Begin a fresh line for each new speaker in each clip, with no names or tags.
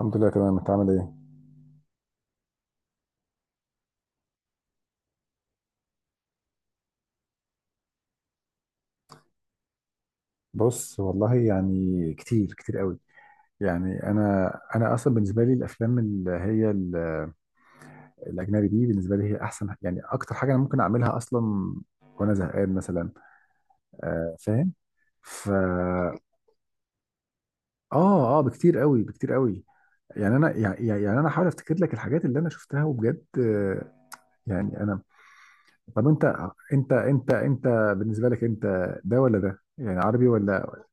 الحمد لله، تمام. انت عامل ايه؟ بص، والله يعني كتير كتير قوي. يعني انا اصلا بالنسبه لي الافلام اللي هي الاجنبي دي بالنسبه لي هي احسن، يعني اكتر حاجه انا ممكن اعملها اصلا وانا زهقان مثلا. آه، فاهم. ف اه اه، بكتير قوي بكتير قوي. يعني انا حاول افتكر لك الحاجات اللي انا شفتها وبجد. يعني انا طب، انت. انت انت انت بالنسبه لك انت، ده ولا ده؟ يعني عربي ولا؟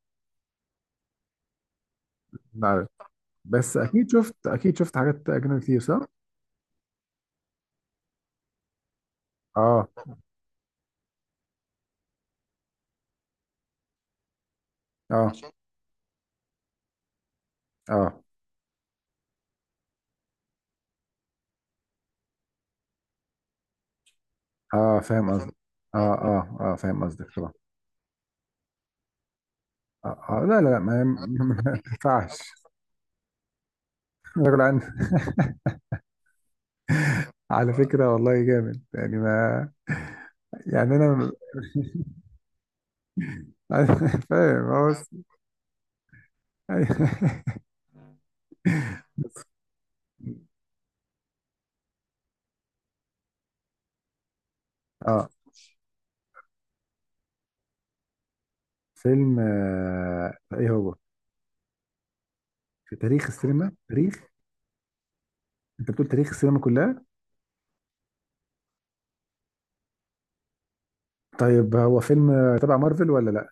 بس فاهم، اكيد شفت حاجات اجنبي كتير، صح؟ اه، اه اه اه فاهم قصدك. اه، فاهم قصدك طبعا. آه، آه، لا، لا، لا، ما ما ما ينفعش. رجل عن. على فكرة والله جامد يعني، ما. يعني انا فاهم، هو بس. اه، فيلم ايه هو؟ في تاريخ السينما، تاريخ؟ انت بتقول تاريخ السينما كلها؟ طيب هو فيلم تبع مارفل ولا لا؟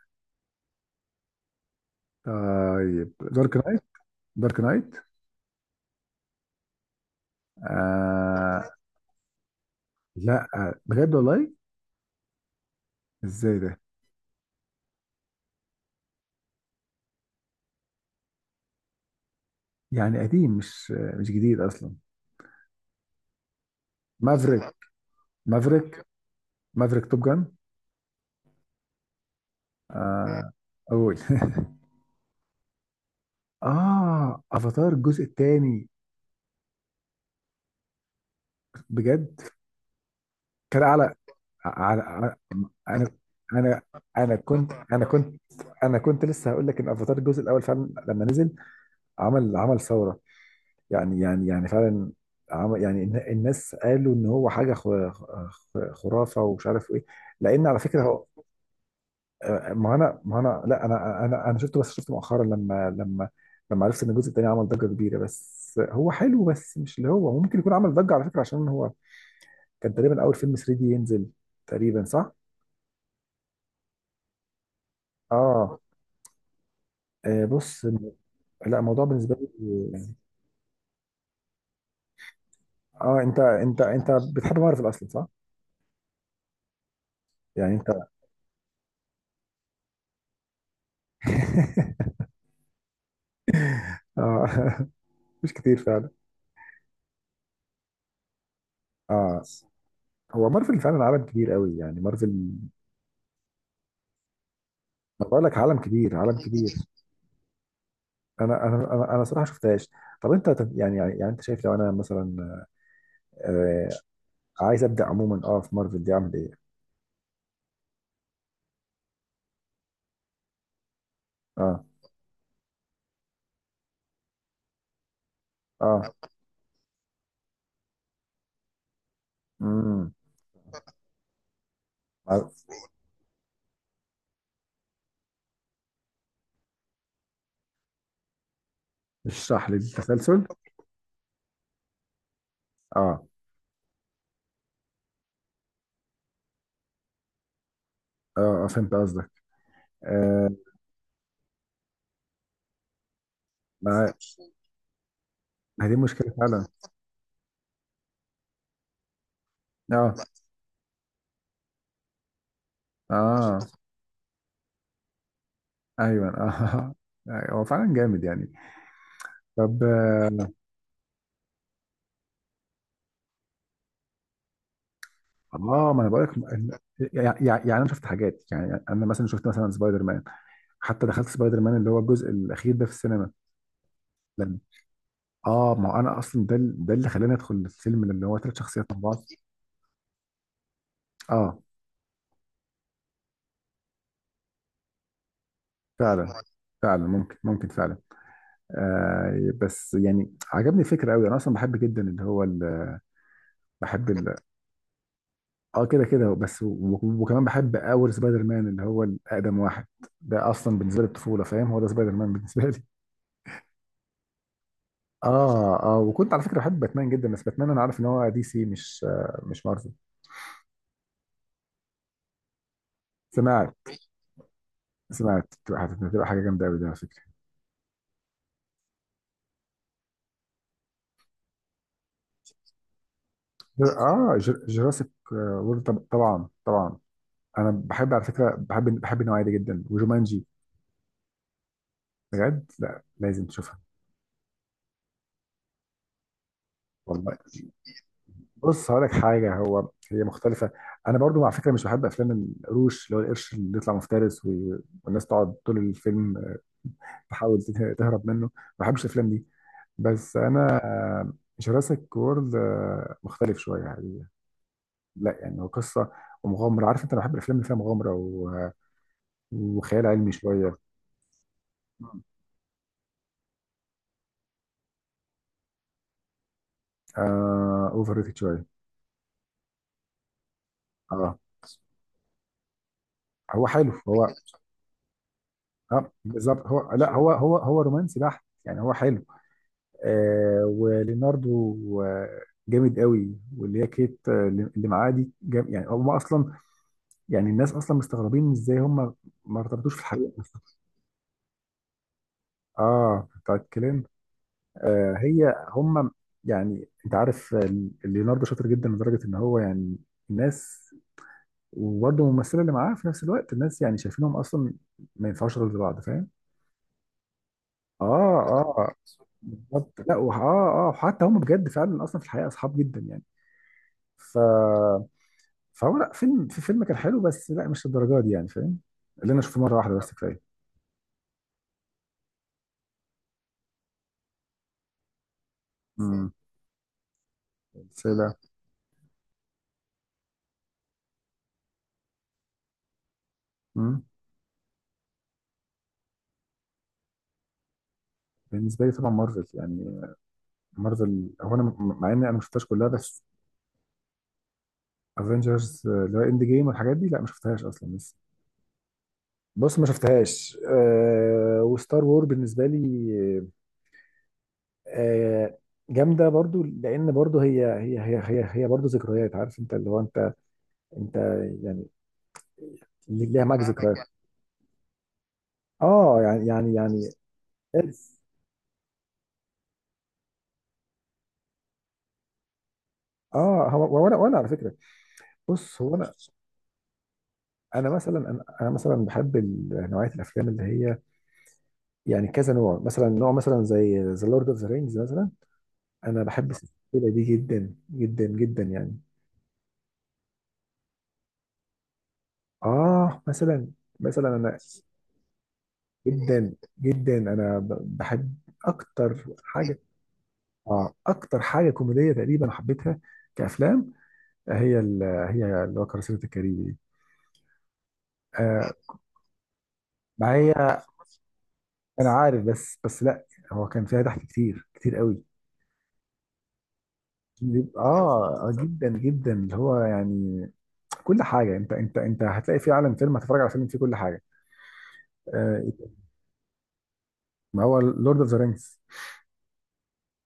طيب، دارك نايت؟ دارك نايت. آه لا، بجد والله. ازاي ده؟ يعني قديم، مش جديد اصلا. مافريك. مافريك. مافريك توب جان. مم. آه. اول اه، افاتار الجزء الثاني؟ بجد؟ كان على... على على- انا انا انا كنت انا كنت انا كنت لسه هقول لك ان افاتار الجزء الاول فعلا لما نزل، عمل ثوره. يعني فعلا، عمل يعني، الناس قالوا ان هو حاجه خرافه ومش عارف ايه، لان على فكره هو... آه، ما انا ما انا لا انا شفته، بس شفته مؤخرا لما عرفت ان الجزء الثاني عمل ضجه كبيره، بس هو حلو، بس مش اللي هو ممكن يكون عمل ضجه على فكره، عشان هو كان تقريبا اول فيلم 3D ينزل. تقريبا، صح؟ اه، بص. لا، الموضوع بالنسبه لي... اه، انت بتحب مارفل اصلا، صح؟ يعني انت اه، مش كتير فعلا. اه، هو مارفل فعلا عالم كبير قوي، يعني مارفل. ما بقول لك، عالم كبير عالم كبير. انا صراحه شفتهاش. طب انت يعني، انت شايف لو انا مثلا، آه عايز ابدا عموما، في مارفل دي اعمل ايه؟ اه، اه، امم اشرح لي التسلسل. اه، اه. فهمت قصدك. آه ما ما هي دي مشكله فعلا. اه، اه، ايوه، اه، أيوة، هو فعلا جامد يعني. طب، اه، ما انا بقول لك يعني. يعني انا شفت حاجات، يعني انا مثلا شفت مثلا سبايدر مان. حتى دخلت سبايدر مان اللي هو الجزء الاخير ده في السينما. اه، ما انا اصلا ده اللي خلاني ادخل الفيلم اللي هو 3 شخصيات مع بعض. اه، فعلا. فعلا، ممكن فعلا. بس يعني عجبني الفكره قوي، انا اصلا بحب جدا اللي هو بحب ال- اه، كده كده بس، وكمان بحب اول سبايدر مان اللي هو الاقدم واحد. ده اصلا بالنسبه لي الطفوله، فاهم؟ هو ده سبايدر مان بالنسبه لي. اه، اه، وكنت على فكره بحب باتمان جدا، بس باتمان انا عارف ان هو دي سي، مش مارفل. سمعت سمعت، هتبقى حاجه جامده قوي ده على فكره. اه، جوراسيك وورلد. طبعا، طبعا. انا بحب، على فكره، بحب النوعيه دي جدا، وجومانجي. بجد، لا لازم تشوفها. والله. بص هقول لك حاجه، هو هي مختلفه. انا برضو على فكره مش بحب افلام القروش، اللي هو القرش اللي يطلع مفترس، والناس تقعد طول الفيلم، تحاول تهرب منه. ما بحبش الافلام دي. بس انا، جوراسيك وورلد مختلف شويه يعني. لا يعني، هو قصه ومغامره، عارف انت؟ انا بحب الافلام اللي فيها مغامره، وخيال علمي شويه. اوفر ريتد شويه. اه، هو حلو هو. اه، بالظبط، هو لا، هو رومانسي بحت، يعني هو حلو. وليوناردو جامد قوي، واللي هي كيت اللي معاه دي جام. يعني هم اصلا، يعني الناس اصلا مستغربين ازاي هم ما ارتبطوش في الحقيقه اصلا. اه، بتاعت كلين. هي هم. يعني انت عارف، ليوناردو شاطر جدا لدرجه ان هو يعني، الناس... وبرضه الممثله اللي معاه في نفس الوقت، الناس يعني شايفينهم اصلا ما ينفعوش غير لبعض. فاهم؟ اه، اه، بالظبط، لا، وحتى هم بجد فعلا اصلا في الحقيقه اصحاب جدا يعني. ف فهو لا، فيلم كان حلو، بس لا مش للدرجه دي يعني، فاهم؟ اللي انا اشوفه مره واحده بس كفايه. امم سلسله. امم بالنسبه لي طبعا مارفل، يعني مارفل هو، انا مع اني انا ما شفتهاش كلها، بس افنجرز اللي هو اند جيم والحاجات دي، لا، ما شفتهاش اصلا لسه. بص، ما شفتهاش. وستار وور بالنسبه لي، آه، جامده برضو، لان برضو هي برضو ذكريات، عارف انت، اللي هو انت يعني اللي ليها معاك ذكريات. اه، يعني. اه، هو، وانا على فكره، بص هو انا انا مثلا انا أنا مثلا بحب نوعيه الافلام اللي هي، يعني كذا نوع، مثلا نوع، مثلا زي ذا لورد اوف ذا رينجز مثلا. انا بحب السلسله دي جدا جدا جدا يعني. اه، مثلا، مثلا انا. جدا جدا، انا بحب اكتر حاجه. اه، اكتر حاجه كوميديه تقريبا حبيتها كافلام، هي هي اللي هو كراسي الكاريبي دي. آه مع، هي انا عارف، بس لا، هو كان فيها ضحك كتير كتير قوي. اه، جدا جدا، اللي هو يعني كل حاجه، انت هتلاقي في عالم فيلم، هتتفرج على فيلم فيه كل حاجه. آه ما هو لورد اوف ذا رينجز.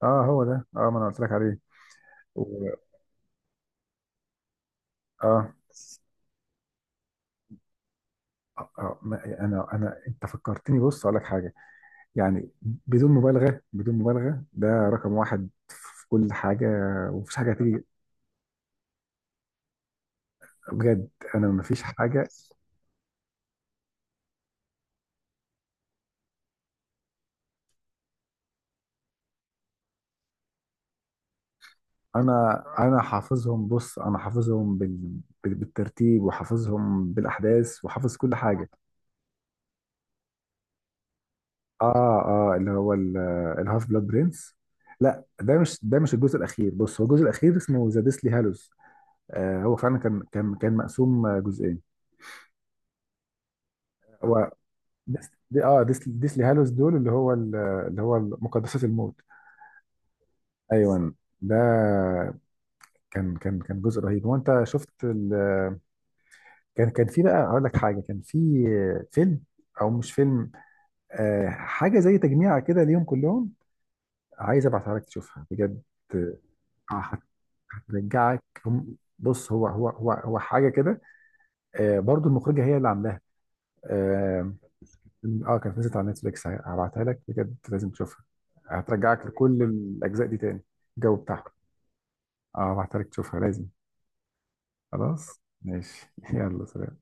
اه، هو ده، ما انا قلت لك عليه. و... اه، ما- انا انا انت فكرتني، بص اقول لك حاجه، يعني بدون مبالغه بدون مبالغه، ده رقم واحد في كل حاجه، ومفيش حاجه هتيجي. بجد. انا، مفيش حاجه. انا حافظهم، بص انا حافظهم بالترتيب، وحافظهم بالاحداث، وحافظ كل حاجه. اه، اه، اللي هو الهاف بلاد برنس. لا، ده مش الجزء الاخير، بص هو الجزء الاخير اسمه ذا ديسلي هالوز. هو فعلا كان مقسوم جزئين. هو ديسلي هالوز دول، اللي هو مقدسات الموت. ايوه. ده كان جزء رهيب. هو انت شفت كان كان في، بقى اقول لك حاجه، كان في فيلم، او مش فيلم، حاجه زي تجميعه كده ليهم كلهم. عايز ابعتها لك تشوفها، بجد. آه، هت- هترجعك. بص، هو حاجه كده. برضو المخرجه هي اللي عاملاها. اه. كانت نزلت على نتفليكس، هبعتها لك بجد، لازم تشوفها. هترجعك لكل الاجزاء دي تاني، الجو بتاعها. اه، هبعتها لك تشوفها لازم. خلاص، ماشي. يلا، سلام.